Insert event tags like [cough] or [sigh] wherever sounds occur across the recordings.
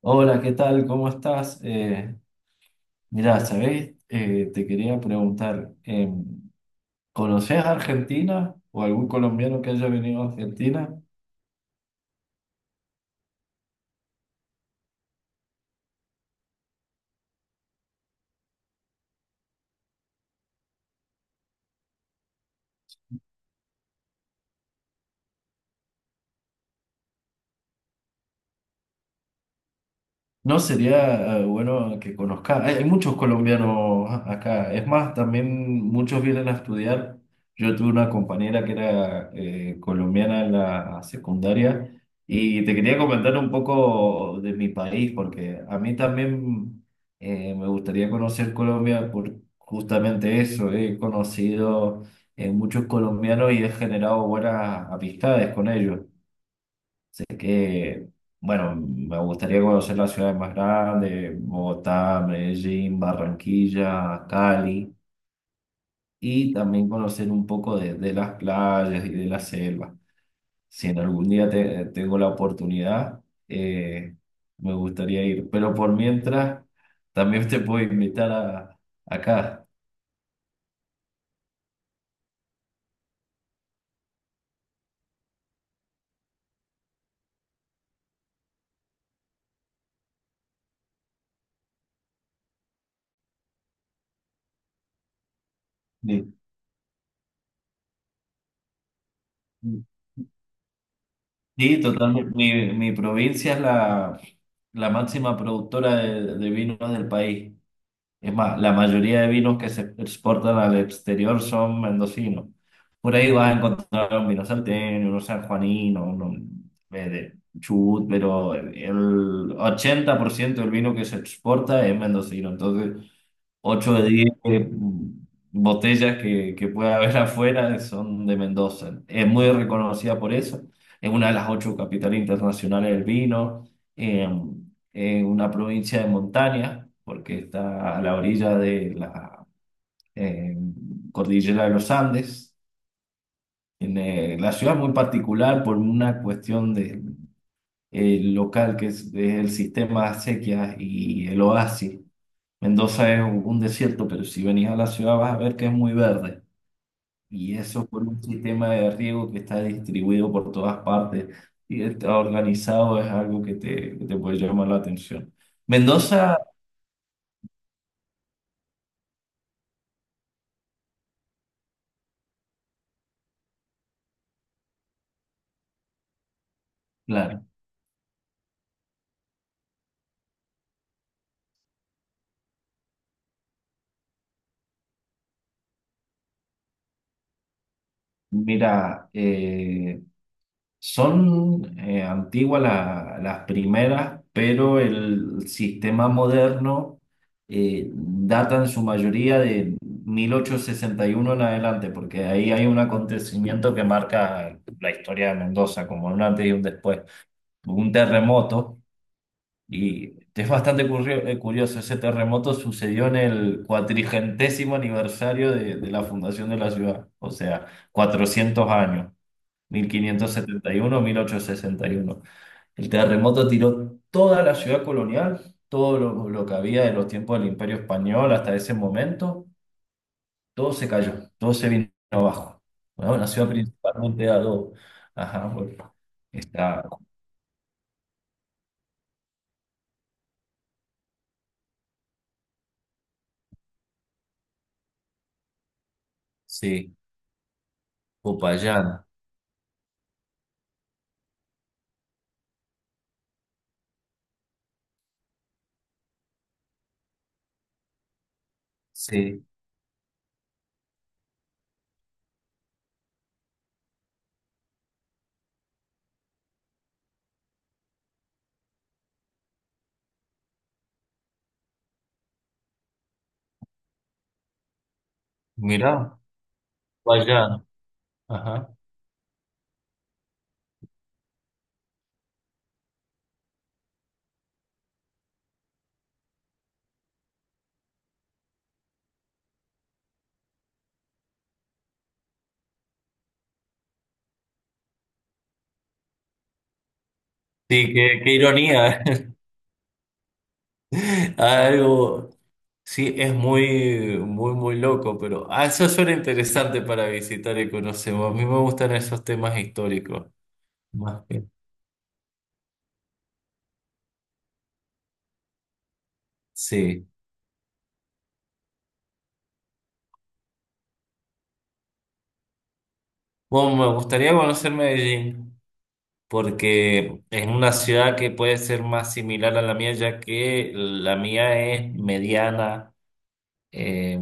Hola, ¿qué tal? ¿Cómo estás? Mirá, ¿sabéis? Te quería preguntar, ¿conoces a Argentina o algún colombiano que haya venido a Argentina? No sería bueno que conozca. Hay muchos colombianos acá. Es más, también muchos vienen a estudiar. Yo tuve una compañera que era colombiana en la secundaria y te quería comentar un poco de mi país, porque a mí también me gustaría conocer Colombia por justamente eso. He conocido muchos colombianos y he generado buenas amistades con ellos. Sé que, bueno, me gustaría conocer las ciudades más grandes, Bogotá, Medellín, Barranquilla, Cali, y también conocer un poco de las playas y de la selva. Si en algún día tengo la oportunidad, eh, me gustaría ir. Pero por mientras, también te puedo invitar acá. Sí, sí, totalmente. Mi provincia es la máxima productora de vinos del país. Es más, la mayoría de vinos que se exportan al exterior son mendocinos. Por ahí vas a encontrar un vino salteño, uno sanjuanino, uno de Chubut, pero el 80% del vino que se exporta es mendocino. Entonces, 8 de 10 botellas que puede haber [laughs] afuera son de Mendoza. Es muy reconocida por eso. Es una de las ocho capitales internacionales del vino. eh, Es una provincia de montaña, porque está a la orilla de la eh, cordillera de los Andes. La ciudad es muy particular por una cuestión de, local, que es el sistema de acequias y el oasis. Mendoza es un desierto, pero si venís a la ciudad vas a ver que es muy verde. Y eso por un sistema de riego que está distribuido por todas partes y está organizado, es algo que que te puede llamar la atención. Mendoza, claro, mira, son antiguas las primeras, pero el sistema moderno data en su mayoría de 1861 en adelante, porque ahí hay un acontecimiento que marca la historia de Mendoza, como un antes y un después. Hubo un terremoto, y es bastante curioso. Ese terremoto sucedió en el cuatrigentésimo aniversario de la fundación de la ciudad, o sea, 400 años: mil quinientos setenta y uno, 1861. El terremoto tiró toda la ciudad colonial, todo lo que había de los tiempos del Imperio Español hasta ese momento. Todo se cayó, todo se vino abajo. Bueno, una ciudad principalmente a dos. Ajá, bueno. Está, sí, Popayán, sí, mirá, Popayán, ajá. Sí, qué ironía, [laughs] algo. Sí, es muy, muy, muy loco, pero ah, eso suena interesante para visitar y conocer. A mí me gustan esos temas históricos, más que. Sí. Bueno, me gustaría conocer Medellín, porque es una ciudad que puede ser más similar a la mía, ya que la mía es mediana. eh,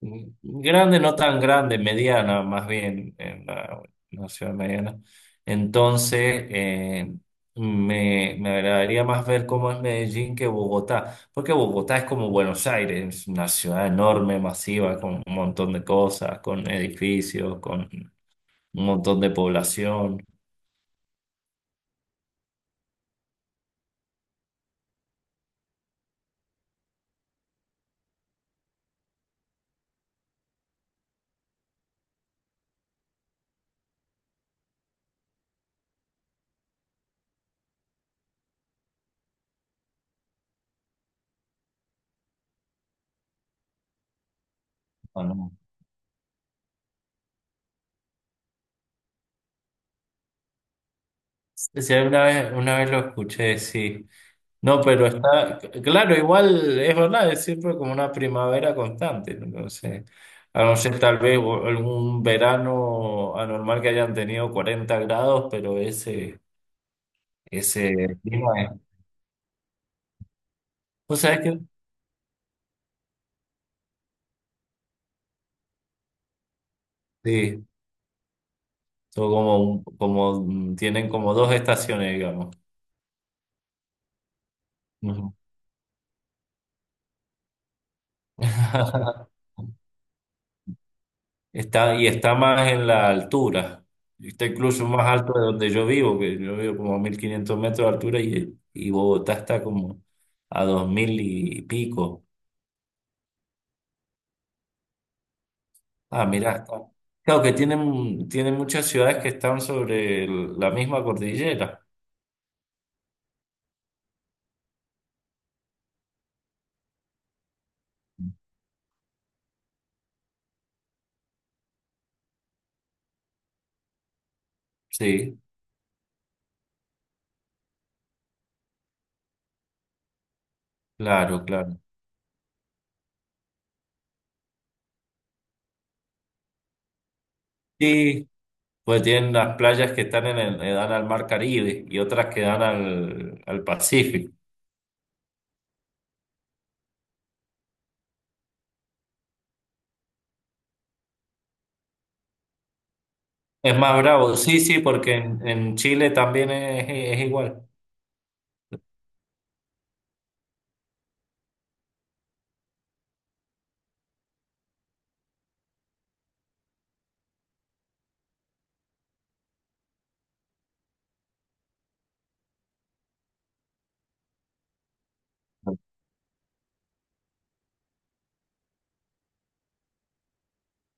Mm, Grande, no tan grande, mediana, más bien, en la ciudad mediana. Entonces, me agradaría más ver cómo es Medellín que Bogotá, porque Bogotá es como Buenos Aires, una ciudad enorme, masiva, con un montón de cosas, con edificios, con un montón de población. Bueno, si alguna vez, una vez lo escuché, sí. No, pero está, claro, igual es verdad, es siempre como una primavera constante, ¿no? Entonces, a no ser tal vez algún verano anormal que hayan tenido 40 grados, pero ese clima es, ¿tú sabes qué? Sí, son como, como, tienen como dos estaciones, digamos. Ujú. [laughs] Y está más en la altura. Está incluso más alto de donde yo vivo, que yo vivo como a 1500 metros de altura, y Bogotá está como a 2000 y pico. Ah, mirá, está. Claro que tienen muchas ciudades que están sobre la misma cordillera. Sí, claro, claro. Sí, pues tienen las playas que están que dan al mar Caribe y otras que dan al Pacífico. Es más bravo, sí, sí, porque en Chile también es igual.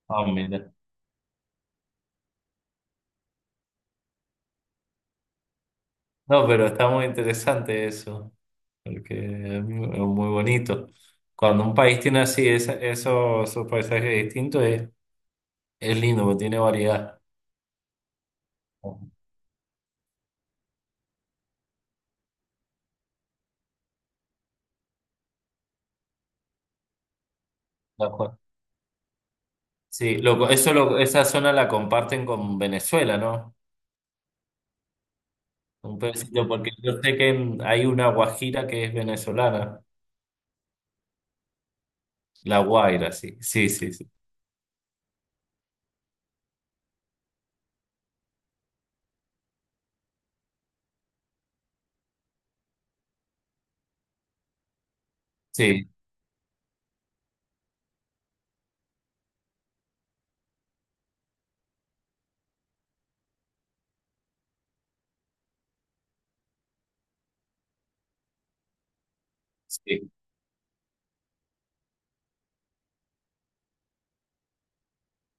Ah, mira. No, pero está muy interesante eso, porque es muy bonito. Cuando un país tiene así esos paisajes distintos, es lindo, porque tiene variedad. De acuerdo. Sí, esa zona la comparten con Venezuela, ¿no? Un pedacito, porque yo sé que hay una Guajira que es venezolana, la Guaira, sí, sí, sí, sí, sí, sí.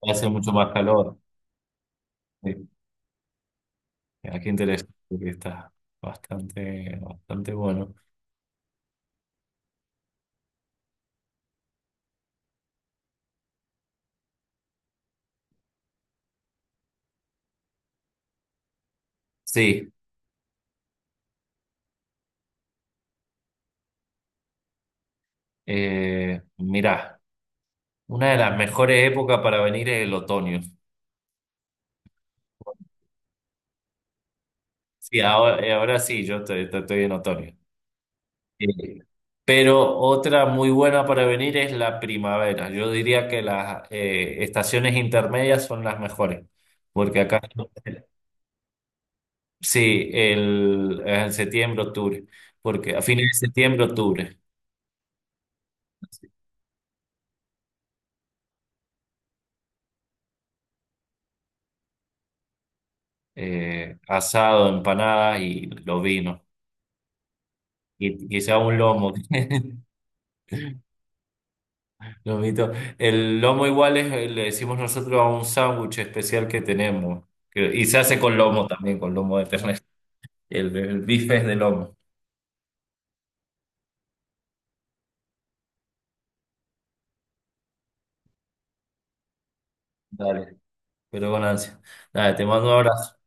Hace mucho más calor. Sí. Ah, qué interesante que está bastante, bastante bueno. Sí. Mirá, una de las mejores épocas para venir es el otoño. Sí, ahora, ahora sí, yo estoy en otoño. Eh, Pero otra muy buena para venir es la primavera. Yo diría que las estaciones intermedias son las mejores, porque acá sí, en septiembre, octubre, porque a fines de septiembre, octubre. Asado, empanadas y los vinos, y quizá un lomo. [laughs] Lomito. El lomo igual le decimos nosotros a un sándwich especial que tenemos, y se hace con lomo también, con lomo de ternera. El bife es de lomo. Dale, pero con ansia. Dale, te mando un abrazo.